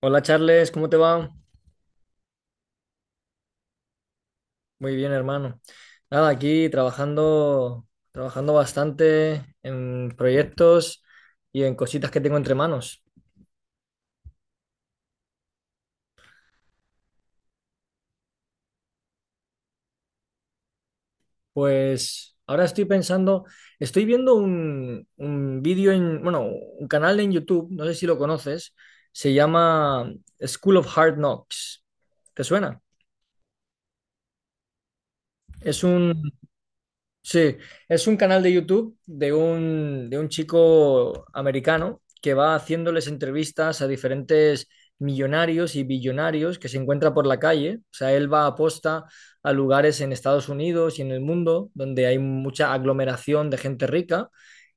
Hola Charles, ¿cómo te va? Muy bien, hermano. Nada, aquí trabajando, trabajando bastante en proyectos y en cositas que tengo entre manos. Pues ahora estoy pensando, estoy viendo un vídeo en, bueno, un canal en YouTube, no sé si lo conoces, se llama School of Hard Knocks. ¿Te suena? Es un. Sí, es un canal de YouTube de un chico americano que va haciéndoles entrevistas a diferentes millonarios y billonarios que se encuentra por la calle. O sea, él va a posta a lugares en Estados Unidos y en el mundo donde hay mucha aglomeración de gente rica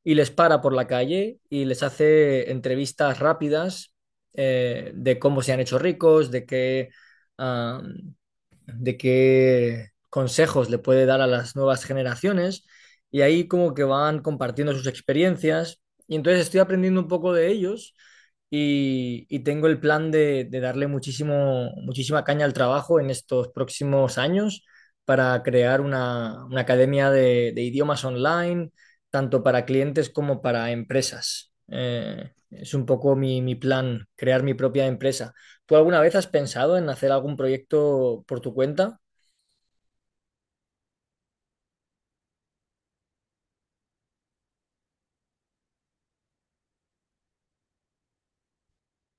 y les para por la calle y les hace entrevistas rápidas, de cómo se han hecho ricos, de qué consejos le puede dar a las nuevas generaciones y ahí como que van compartiendo sus experiencias y entonces estoy aprendiendo un poco de ellos y tengo el plan de darle muchísimo, muchísima caña al trabajo en estos próximos años para crear una academia de idiomas online, tanto para clientes como para empresas. Es un poco mi, mi plan, crear mi propia empresa. ¿Tú alguna vez has pensado en hacer algún proyecto por tu cuenta?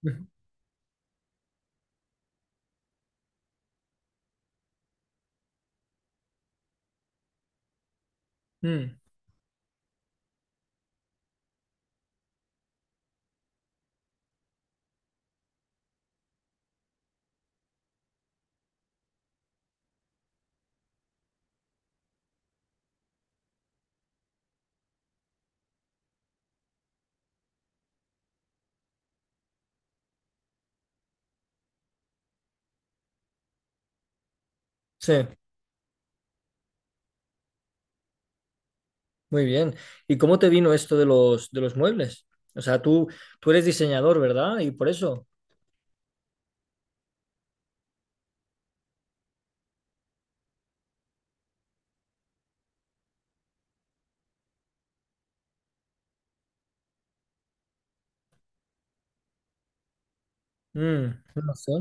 Ujú. Mm. Sí, muy bien. ¿Y cómo te vino esto de los muebles? O sea, tú eres diseñador, ¿verdad? Y por eso. Mm, no sé.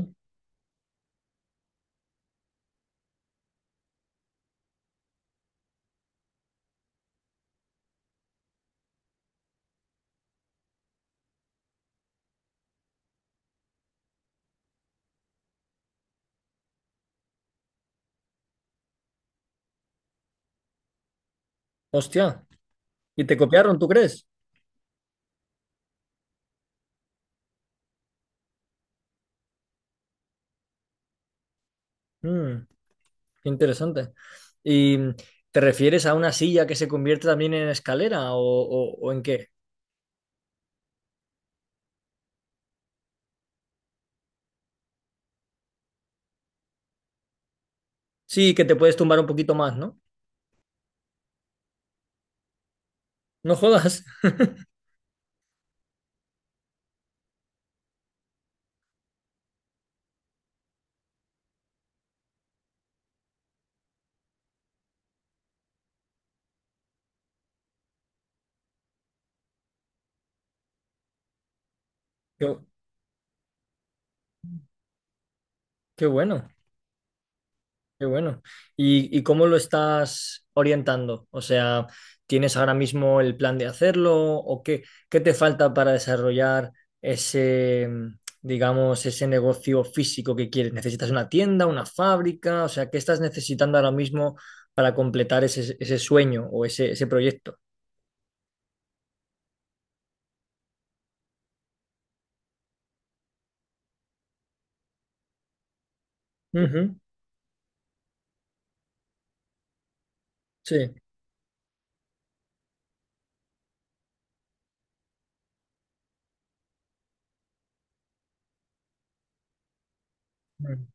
Hostia. ¿Y te copiaron, tú crees? Mm, qué interesante. ¿Y te refieres a una silla que se convierte también en escalera o en qué? Sí, que te puedes tumbar un poquito más, ¿no? No jodas. Qué, qué bueno. Qué bueno. Y cómo lo estás orientando? O sea, ¿tienes ahora mismo el plan de hacerlo o qué, qué te falta para desarrollar ese, mm, digamos, ese negocio físico que quieres? ¿Necesitas una tienda, una fábrica? O sea, ¿qué estás necesitando ahora mismo para completar ese, ese sueño o ese proyecto? Ujú. Sí. Mm,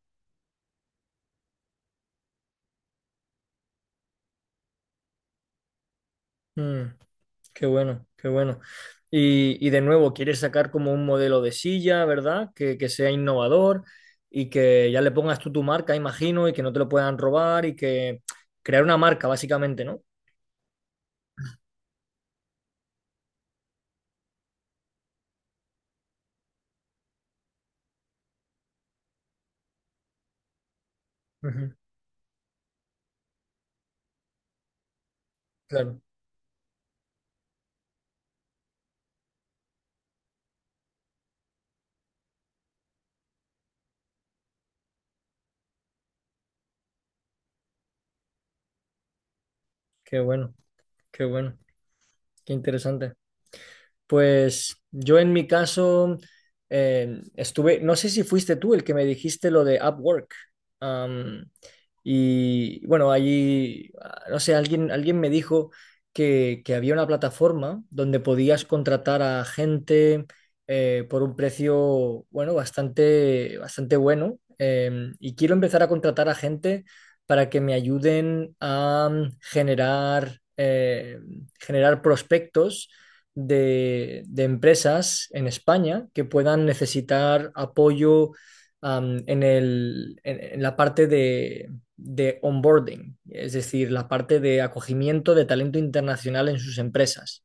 mm. Qué bueno, qué bueno. Y de nuevo, quieres sacar como un modelo de silla, ¿verdad? Que sea innovador y que ya le pongas tú tu marca, imagino, y que no te lo puedan robar y que crear una marca, básicamente, ¿no? Ujú. Claro, qué bueno, qué bueno, qué interesante. Pues yo en mi caso estuve, no sé si fuiste tú el que me dijiste lo de Upwork. Am, y bueno, allí, no sé, alguien, alguien me dijo que había una plataforma donde podías contratar a gente, por un precio, bueno, bastante, bastante bueno. Y quiero empezar a contratar a gente para que me ayuden a generar, generar prospectos de empresas en España que puedan necesitar apoyo, en el- en la parte de onboarding, es decir, la parte de acogimiento de talento internacional en sus empresas.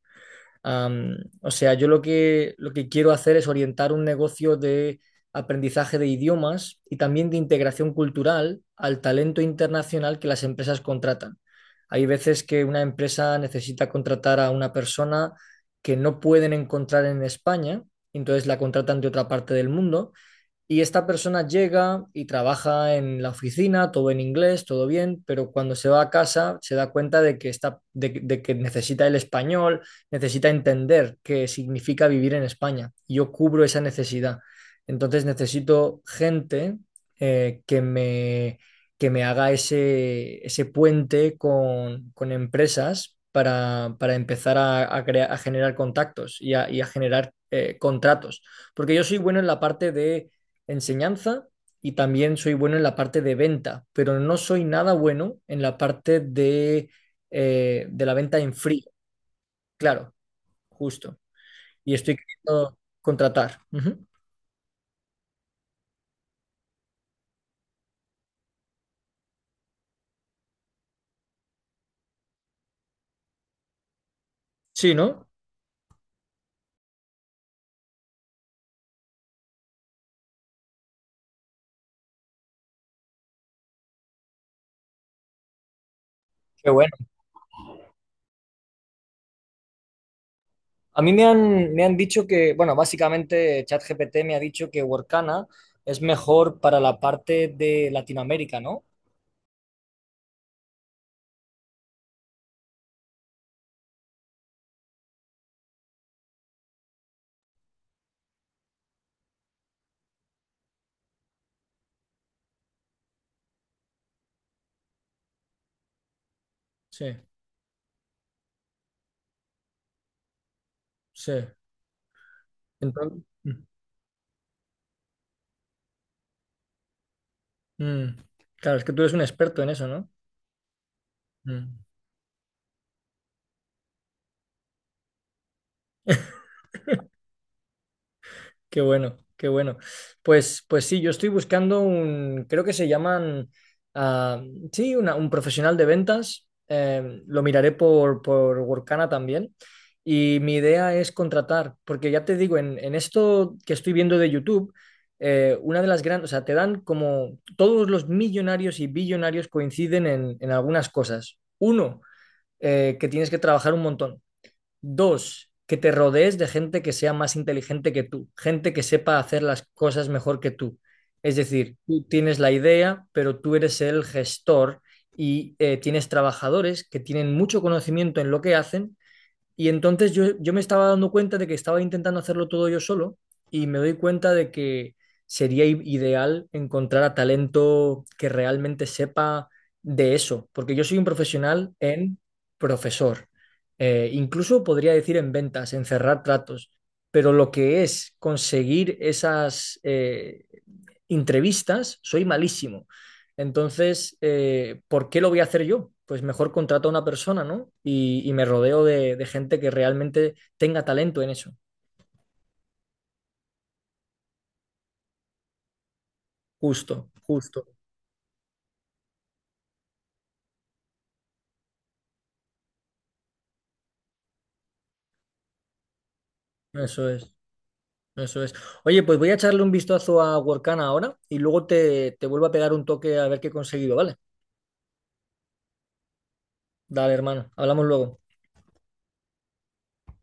O sea, yo lo que quiero hacer es orientar un negocio de aprendizaje de idiomas y también de integración cultural al talento internacional que las empresas contratan. Hay veces que una empresa necesita contratar a una persona que no pueden encontrar en España, entonces la contratan de otra parte del mundo y esta persona llega y trabaja en la oficina, todo en inglés, todo bien, pero cuando se va a casa se da cuenta de que, está, de que necesita el español, necesita entender qué significa vivir en España. Yo cubro esa necesidad. Entonces necesito gente, eh, que me, que me haga ese, ese puente con empresas para empezar a crea- a generar contactos y a generar contratos. Porque yo soy bueno en la parte de enseñanza y también soy bueno en la parte de venta, pero no soy nada bueno en la parte de la venta en frío, claro, justo. Y estoy queriendo contratar. Ujú. Sí, ¿no? Qué bueno. A mí me han dicho que, bueno, básicamente ChatGPT me ha dicho que Workana es mejor para la parte de Latinoamérica, ¿no? Sí, sí. Entonces, mm, mm, claro, es que tú eres un experto en eso, ¿no? Mm. Qué bueno, qué bueno. Pues, pues sí, yo estoy buscando un, creo que se llaman, ah, sí, una- un profesional de ventas. Lo miraré por Workana también. Y mi idea es contratar, porque ya te digo, en esto que estoy viendo de YouTube, una de las grandes, o sea, te dan como todos los millonarios y billonarios coinciden en algunas cosas. Uno, que tienes que trabajar un montón. Dos, que te rodees de gente que sea más inteligente que tú, gente que sepa hacer las cosas mejor que tú. Es decir, tú tienes la idea, pero tú eres el gestor y tienes trabajadores que tienen mucho conocimiento en lo que hacen, y entonces yo me estaba dando cuenta de que estaba intentando hacerlo todo yo solo y me doy cuenta de que sería i- ideal encontrar a talento que realmente sepa de eso, porque yo soy un profesional en profesor, incluso podría decir en ventas, en cerrar tratos, pero lo que es conseguir esas entrevistas, soy malísimo. Entonces, ¿por qué lo voy a hacer yo? Pues mejor contrato a una persona, ¿no? Y me rodeo de gente que realmente tenga talento en eso. Justo, justo. Eso es, eso es. Oye, pues voy a echarle un vistazo a Workana ahora y luego te, te vuelvo a pegar un toque a ver qué he conseguido, ¿vale? Dale, hermano. Hablamos luego.